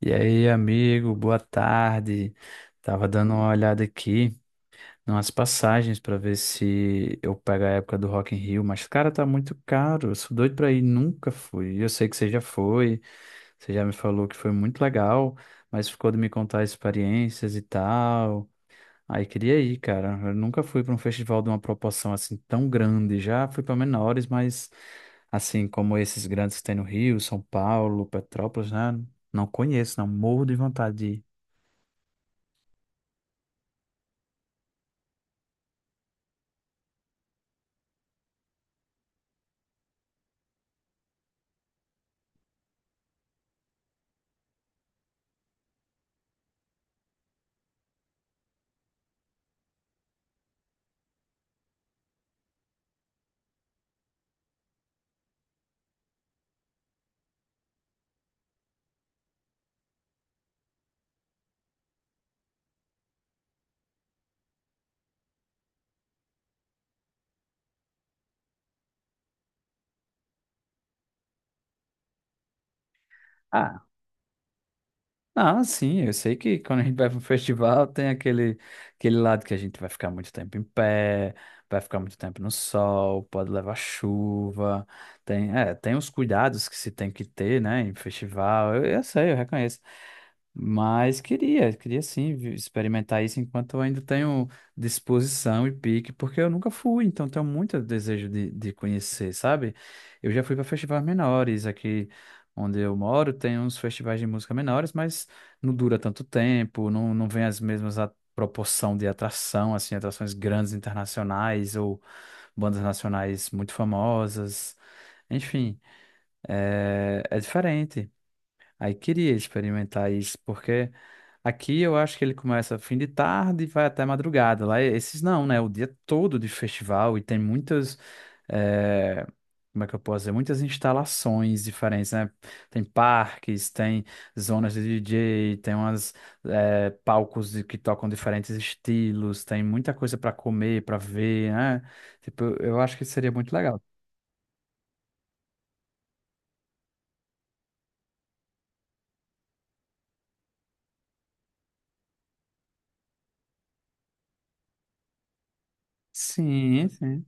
E aí, amigo, boa tarde. Tava dando uma olhada aqui nas passagens para ver se eu pego a época do Rock in Rio, mas cara, tá muito caro. Eu sou doido pra ir, nunca fui. Eu sei que você já foi, você já me falou que foi muito legal, mas ficou de me contar experiências e tal. Aí queria ir, cara. Eu nunca fui pra um festival de uma proporção assim tão grande. Já fui pra menores, mas assim como esses grandes que tem no Rio, São Paulo, Petrópolis, né? Não conheço, não. Morro de vontade. Ah, não, sim, eu sei que quando a gente vai para um festival tem aquele lado que a gente vai ficar muito tempo em pé, vai ficar muito tempo no sol, pode levar chuva, tem os cuidados que se tem que ter, né, em festival, eu sei, eu reconheço. Mas queria sim experimentar isso enquanto eu ainda tenho disposição e pique, porque eu nunca fui, então tenho muito desejo de conhecer, sabe? Eu já fui para festivais menores, aqui onde eu moro tem uns festivais de música menores, mas não dura tanto tempo, não, não vem as mesmas a proporção de atração, assim, atrações grandes internacionais ou bandas nacionais muito famosas, enfim, é diferente. Aí queria experimentar isso, porque aqui eu acho que ele começa fim de tarde e vai até madrugada. Lá é, esses não, né? O dia todo de festival e tem muitas, eh, como é que eu posso dizer? Muitas instalações diferentes, né? Tem parques, tem zonas de DJ, tem palcos que tocam diferentes estilos, tem muita coisa para comer, para ver, né? Tipo, eu acho que seria muito legal. Sim, sim.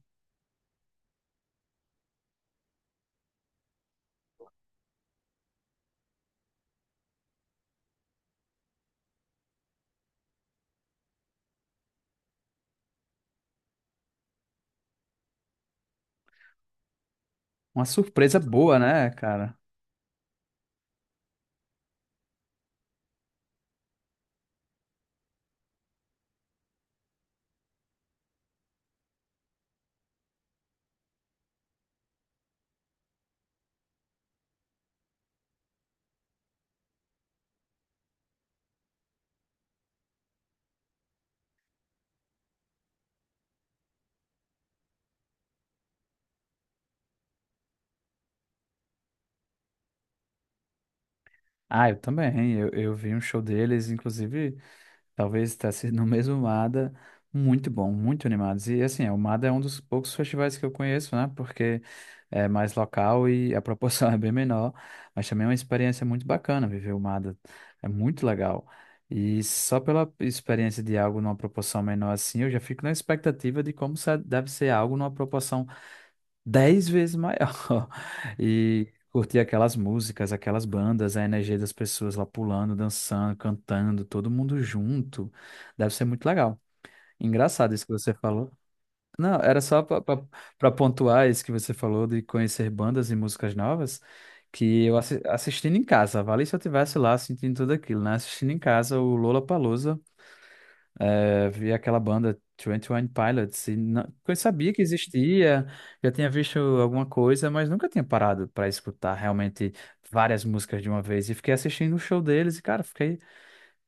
Uma surpresa boa, né, cara? Ah, eu também. Eu vi um show deles, inclusive, talvez está sendo no mesmo MADA. Muito bom, muito animados. E assim, o MADA é um dos poucos festivais que eu conheço, né? Porque é mais local e a proporção é bem menor. Mas também é uma experiência muito bacana viver o MADA. É muito legal. E só pela experiência de algo numa proporção menor assim, eu já fico na expectativa de como deve ser algo numa proporção 10 vezes maior. E curtir aquelas músicas, aquelas bandas, a energia das pessoas lá pulando, dançando, cantando, todo mundo junto. Deve ser muito legal. Engraçado isso que você falou. Não, era só para pontuar isso que você falou de conhecer bandas e músicas novas, que eu assistindo em casa, vale se eu tivesse lá sentindo tudo aquilo, né? Assistindo em casa o Lollapalooza vi aquela banda Twenty One Pilots e não, eu sabia que existia, já tinha visto alguma coisa, mas nunca tinha parado para escutar realmente várias músicas de uma vez e fiquei assistindo o show deles e cara, fiquei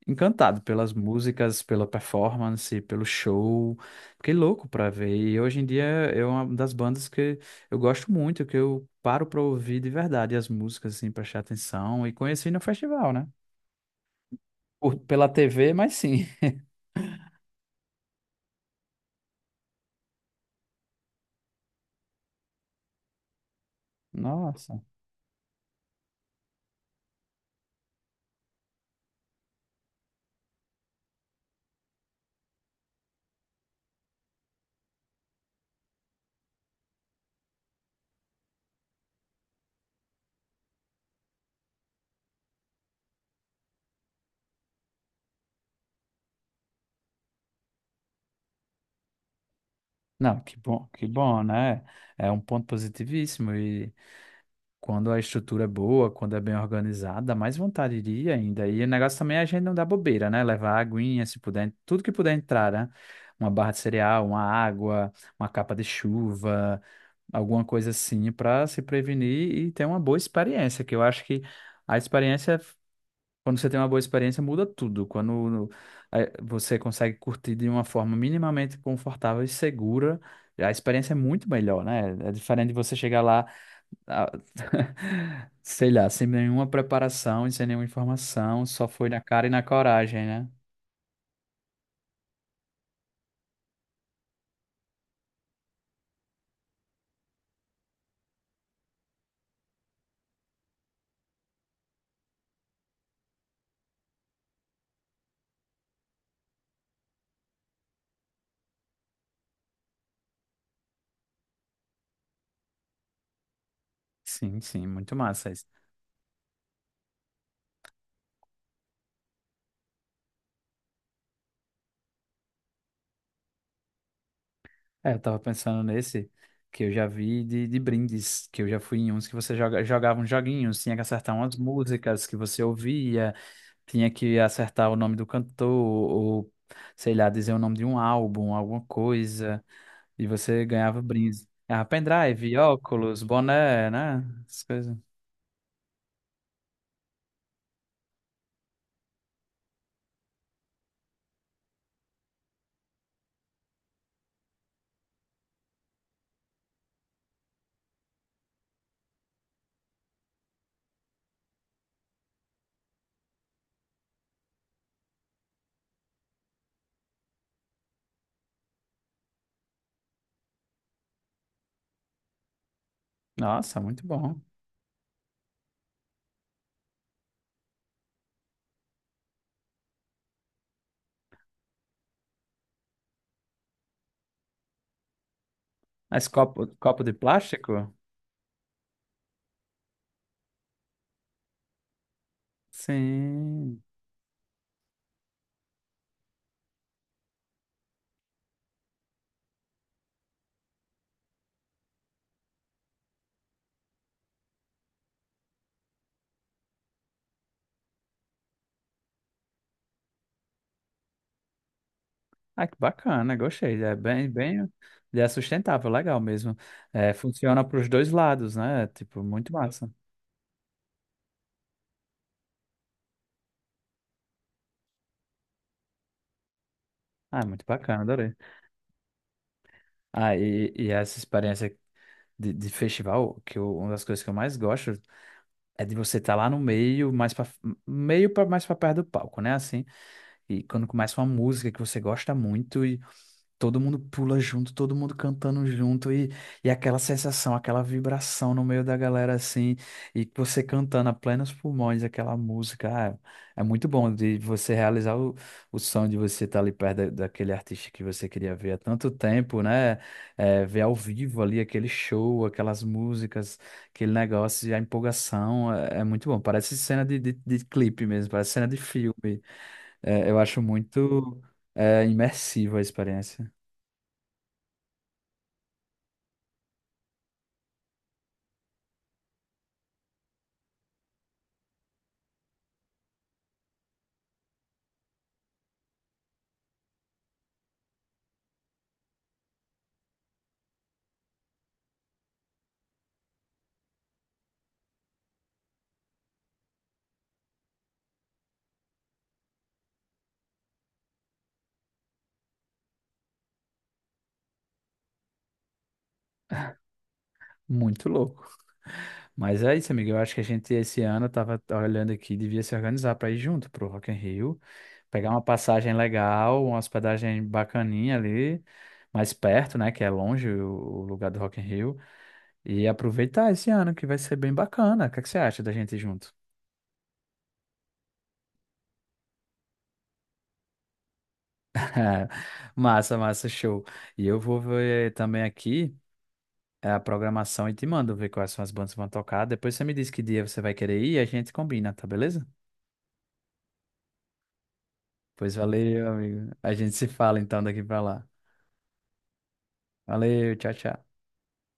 encantado pelas músicas, pela performance, pelo show. Fiquei louco para ver e hoje em dia é uma das bandas que eu gosto muito, que eu paro para ouvir de verdade as músicas assim, prestar atenção e conheci no festival, né? Pela TV, mas sim. Nossa. Não, que bom, né? É um ponto positivíssimo e quando a estrutura é boa, quando é bem organizada, mais vontade iria ainda. E o negócio também é a gente não dar bobeira, né? Levar aguinha, se puder, tudo que puder entrar, né? Uma barra de cereal, uma água, uma capa de chuva, alguma coisa assim para se prevenir e ter uma boa experiência, que eu acho que a experiência quando você tem uma boa experiência, muda tudo. Quando você consegue curtir de uma forma minimamente confortável e segura, a experiência é muito melhor, né? É diferente de você chegar lá, ah, sei lá, sem nenhuma preparação e sem nenhuma informação, só foi na cara e na coragem, né? Sim, sim, muito massa isso. É, eu tava pensando nesse que eu já vi de brindes, que eu já fui em uns que você joga, jogava uns joguinhos, tinha que acertar umas músicas que você ouvia. Tinha que acertar o nome do cantor, ou sei lá, dizer o nome de um álbum, alguma coisa, e você ganhava brinde. Ganhava pendrive, óculos, boné, né? Essas coisas. Nossa, muito bom. Mas copo, copo de plástico? Sim. Ah, que bacana, gostei. É bem, bem, é sustentável, legal mesmo. É, funciona para os dois lados, né? Tipo, muito massa. Ah, muito bacana, adorei. Ah, e essa experiência de festival, uma das coisas que eu mais gosto. É de você estar lá no meio, mais para meio para mais para perto do palco, né? Assim, e quando começa uma música que você gosta muito e todo mundo pula junto, todo mundo cantando junto e aquela sensação, aquela vibração no meio da galera assim, e você cantando a plenos pulmões aquela música. Ah, é muito bom de você realizar o sonho de você estar ali perto daquele artista que você queria ver há tanto tempo, né? É, ver ao vivo ali aquele show, aquelas músicas, aquele negócio, e a empolgação é muito bom. Parece cena de clipe mesmo, parece cena de filme. É, eu acho muito, imersiva a experiência. Muito louco. Mas é isso, amigo. Eu acho que a gente esse ano tava olhando aqui, devia se organizar para ir junto pro Rock in Rio, pegar uma passagem legal, uma hospedagem bacaninha ali, mais perto, né, que é longe o lugar do Rock in Rio, e aproveitar esse ano que vai ser bem bacana. O que é que você acha da gente ir junto? É, massa, massa, show. E eu vou ver também aqui a programação e te mando ver quais são as bandas que vão tocar. Depois você me diz que dia você vai querer ir e a gente combina, tá beleza? Pois valeu, amigo. A gente se fala então daqui pra lá. Valeu, tchau, tchau.